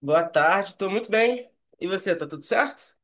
Boa tarde, estou muito bem. E você, tá tudo certo?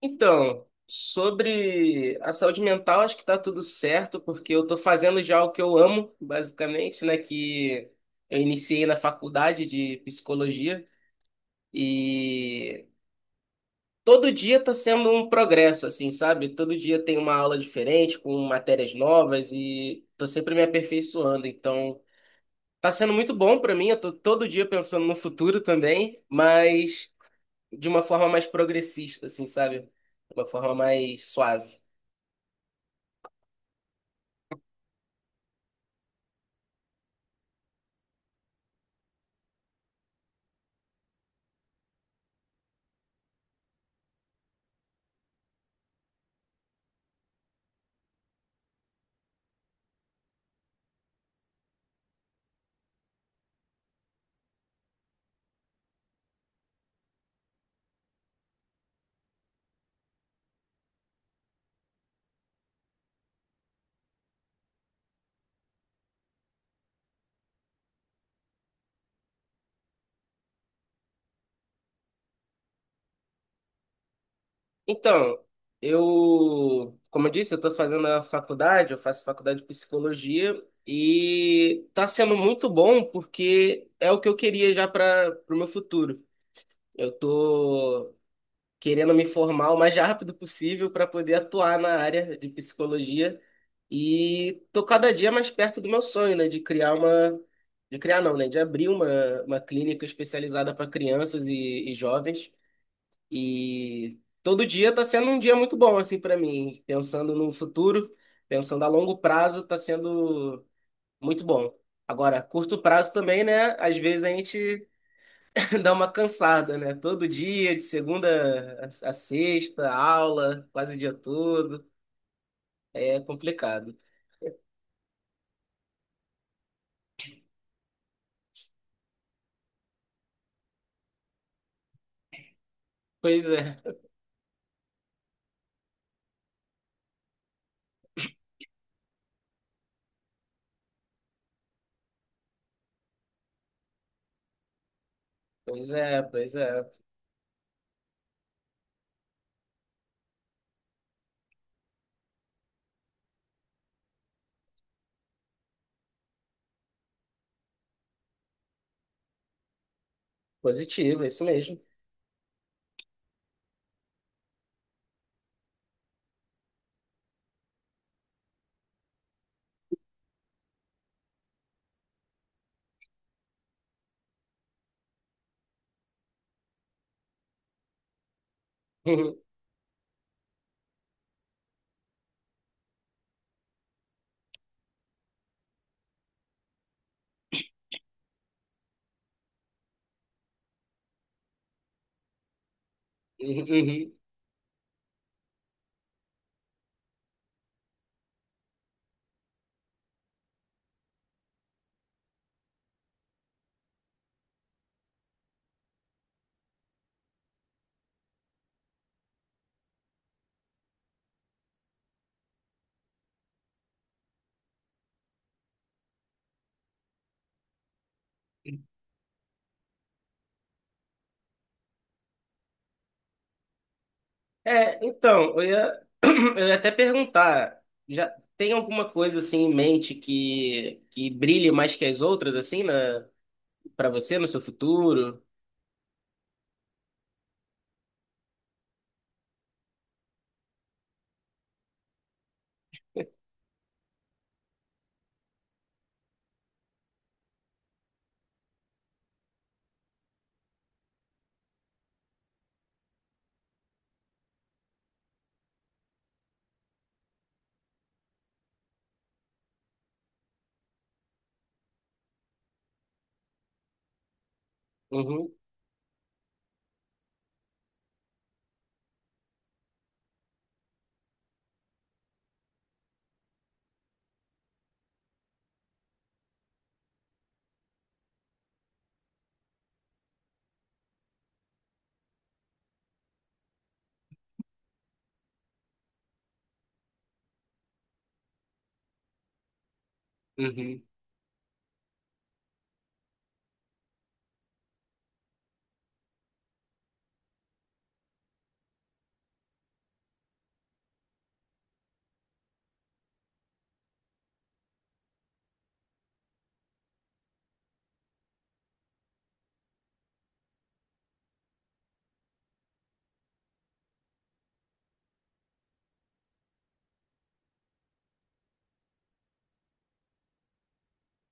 Então, sobre a saúde mental, acho que tá tudo certo, porque eu tô fazendo já o que eu amo, basicamente, né? Que eu iniciei na faculdade de psicologia e todo dia tá sendo um progresso, assim, sabe? Todo dia tem uma aula diferente, com matérias novas e tô sempre me aperfeiçoando. Então, tá sendo muito bom para mim. Eu tô todo dia pensando no futuro também, mas, de uma forma mais progressista, assim, sabe? De uma forma mais suave. Então, eu, como eu disse, eu tô fazendo a faculdade, eu faço faculdade de psicologia e tá sendo muito bom porque é o que eu queria já para o meu futuro. Eu tô querendo me formar o mais rápido possível para poder atuar na área de psicologia e tô cada dia mais perto do meu sonho, né, de criar uma de criar não, né, de abrir uma clínica especializada para crianças e jovens e todo dia tá sendo um dia muito bom assim para mim, pensando no futuro, pensando a longo prazo, tá sendo muito bom. Agora, curto prazo também, né? Às vezes a gente dá uma cansada, né? Todo dia, de segunda a sexta, aula, quase o dia todo. É complicado. Pois é, pois é, pois é. Positivo, é isso mesmo. Uhum, uhum. É, então, eu ia, eu ia até perguntar, já tem alguma coisa assim em mente que brilhe mais que as outras, assim, na, para você, no seu futuro? Uhum, uhum,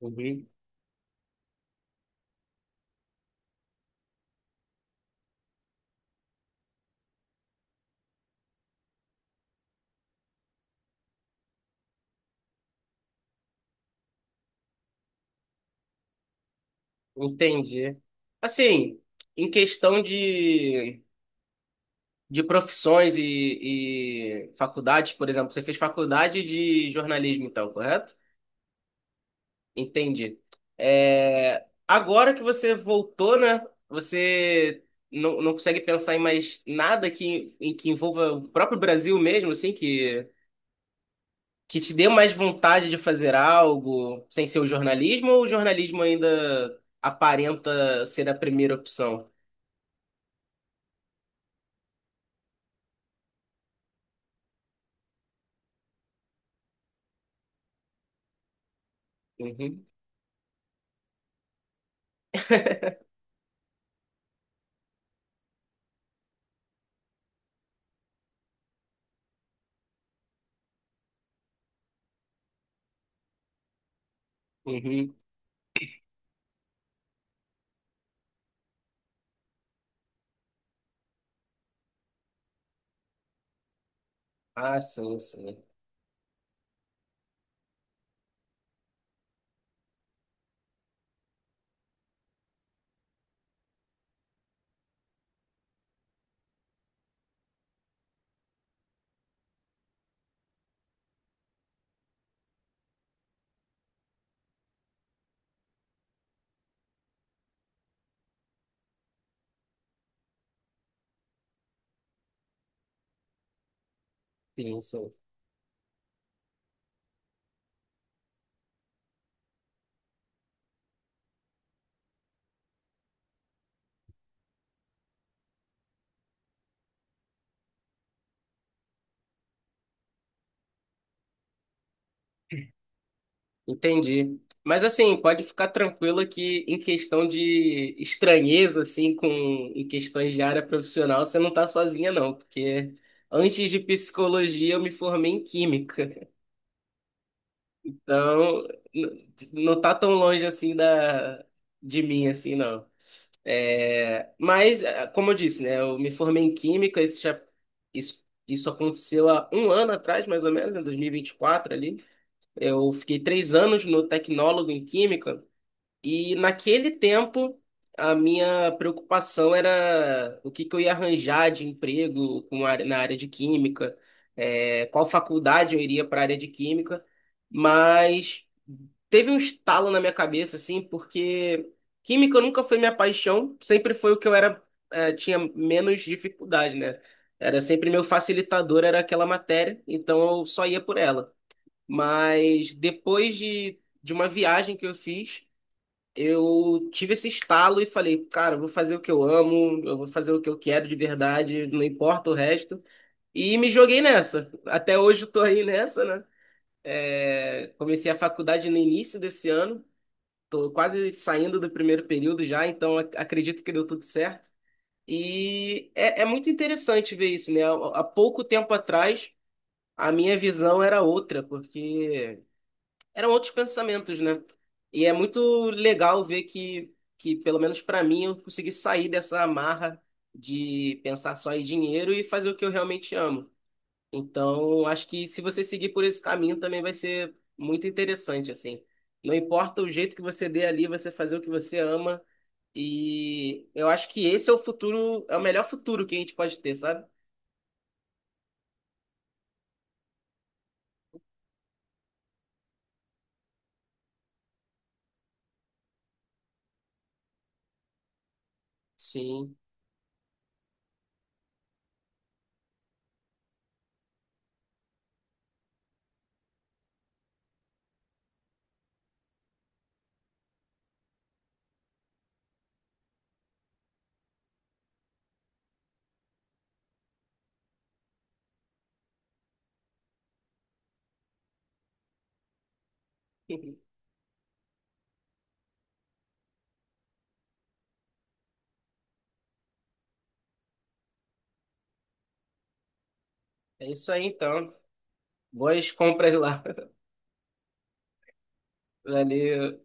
uhum. Entendi. Assim, em questão de profissões e faculdades, por exemplo, você fez faculdade de jornalismo, então, correto? Entendi. É, agora que você voltou, né? Você não, não consegue pensar em mais nada que, em que envolva o próprio Brasil mesmo, assim, que te dê mais vontade de fazer algo sem ser o jornalismo, ou o jornalismo ainda aparenta ser a primeira opção? Uhum, uhum. Ah, sim, sim. Sim, sim. Entendi. Mas assim, pode ficar tranquilo que em questão de estranheza, assim, com em questões de área profissional, você não tá sozinha, não, porque antes de psicologia eu me formei em química. Então, não tá tão longe assim da de mim, assim, não. É, mas, como eu disse, né, eu me formei em química, isso aconteceu há um ano atrás, mais ou menos, em 2024 ali. Eu fiquei 3 anos no tecnólogo em química. E naquele tempo, a minha preocupação era o que que eu ia arranjar de emprego com na área de química, é, qual faculdade eu iria para a área de química, mas teve um estalo na minha cabeça, assim, porque química nunca foi minha paixão, sempre foi o que eu era, tinha menos dificuldade, né? Era sempre meu facilitador, era aquela matéria, então eu só ia por ela. Mas depois de uma viagem que eu fiz, eu tive esse estalo e falei, cara, eu vou fazer o que eu amo, eu vou fazer o que eu quero de verdade, não importa o resto. E me joguei nessa. Até hoje eu tô aí nessa, né? É, comecei a faculdade no início desse ano, tô quase saindo do primeiro período já, então acredito que deu tudo certo. E é, é muito interessante ver isso, né? Há pouco tempo atrás, a minha visão era outra, porque eram outros pensamentos, né? E é muito legal ver que pelo menos para mim, eu consegui sair dessa amarra de pensar só em dinheiro e fazer o que eu realmente amo. Então, acho que se você seguir por esse caminho também vai ser muito interessante, assim. Não importa o jeito que você dê ali, você fazer o que você ama. E eu acho que esse é o futuro, é o melhor futuro que a gente pode ter, sabe? Sim. É isso aí, então. Boas compras lá. Valeu.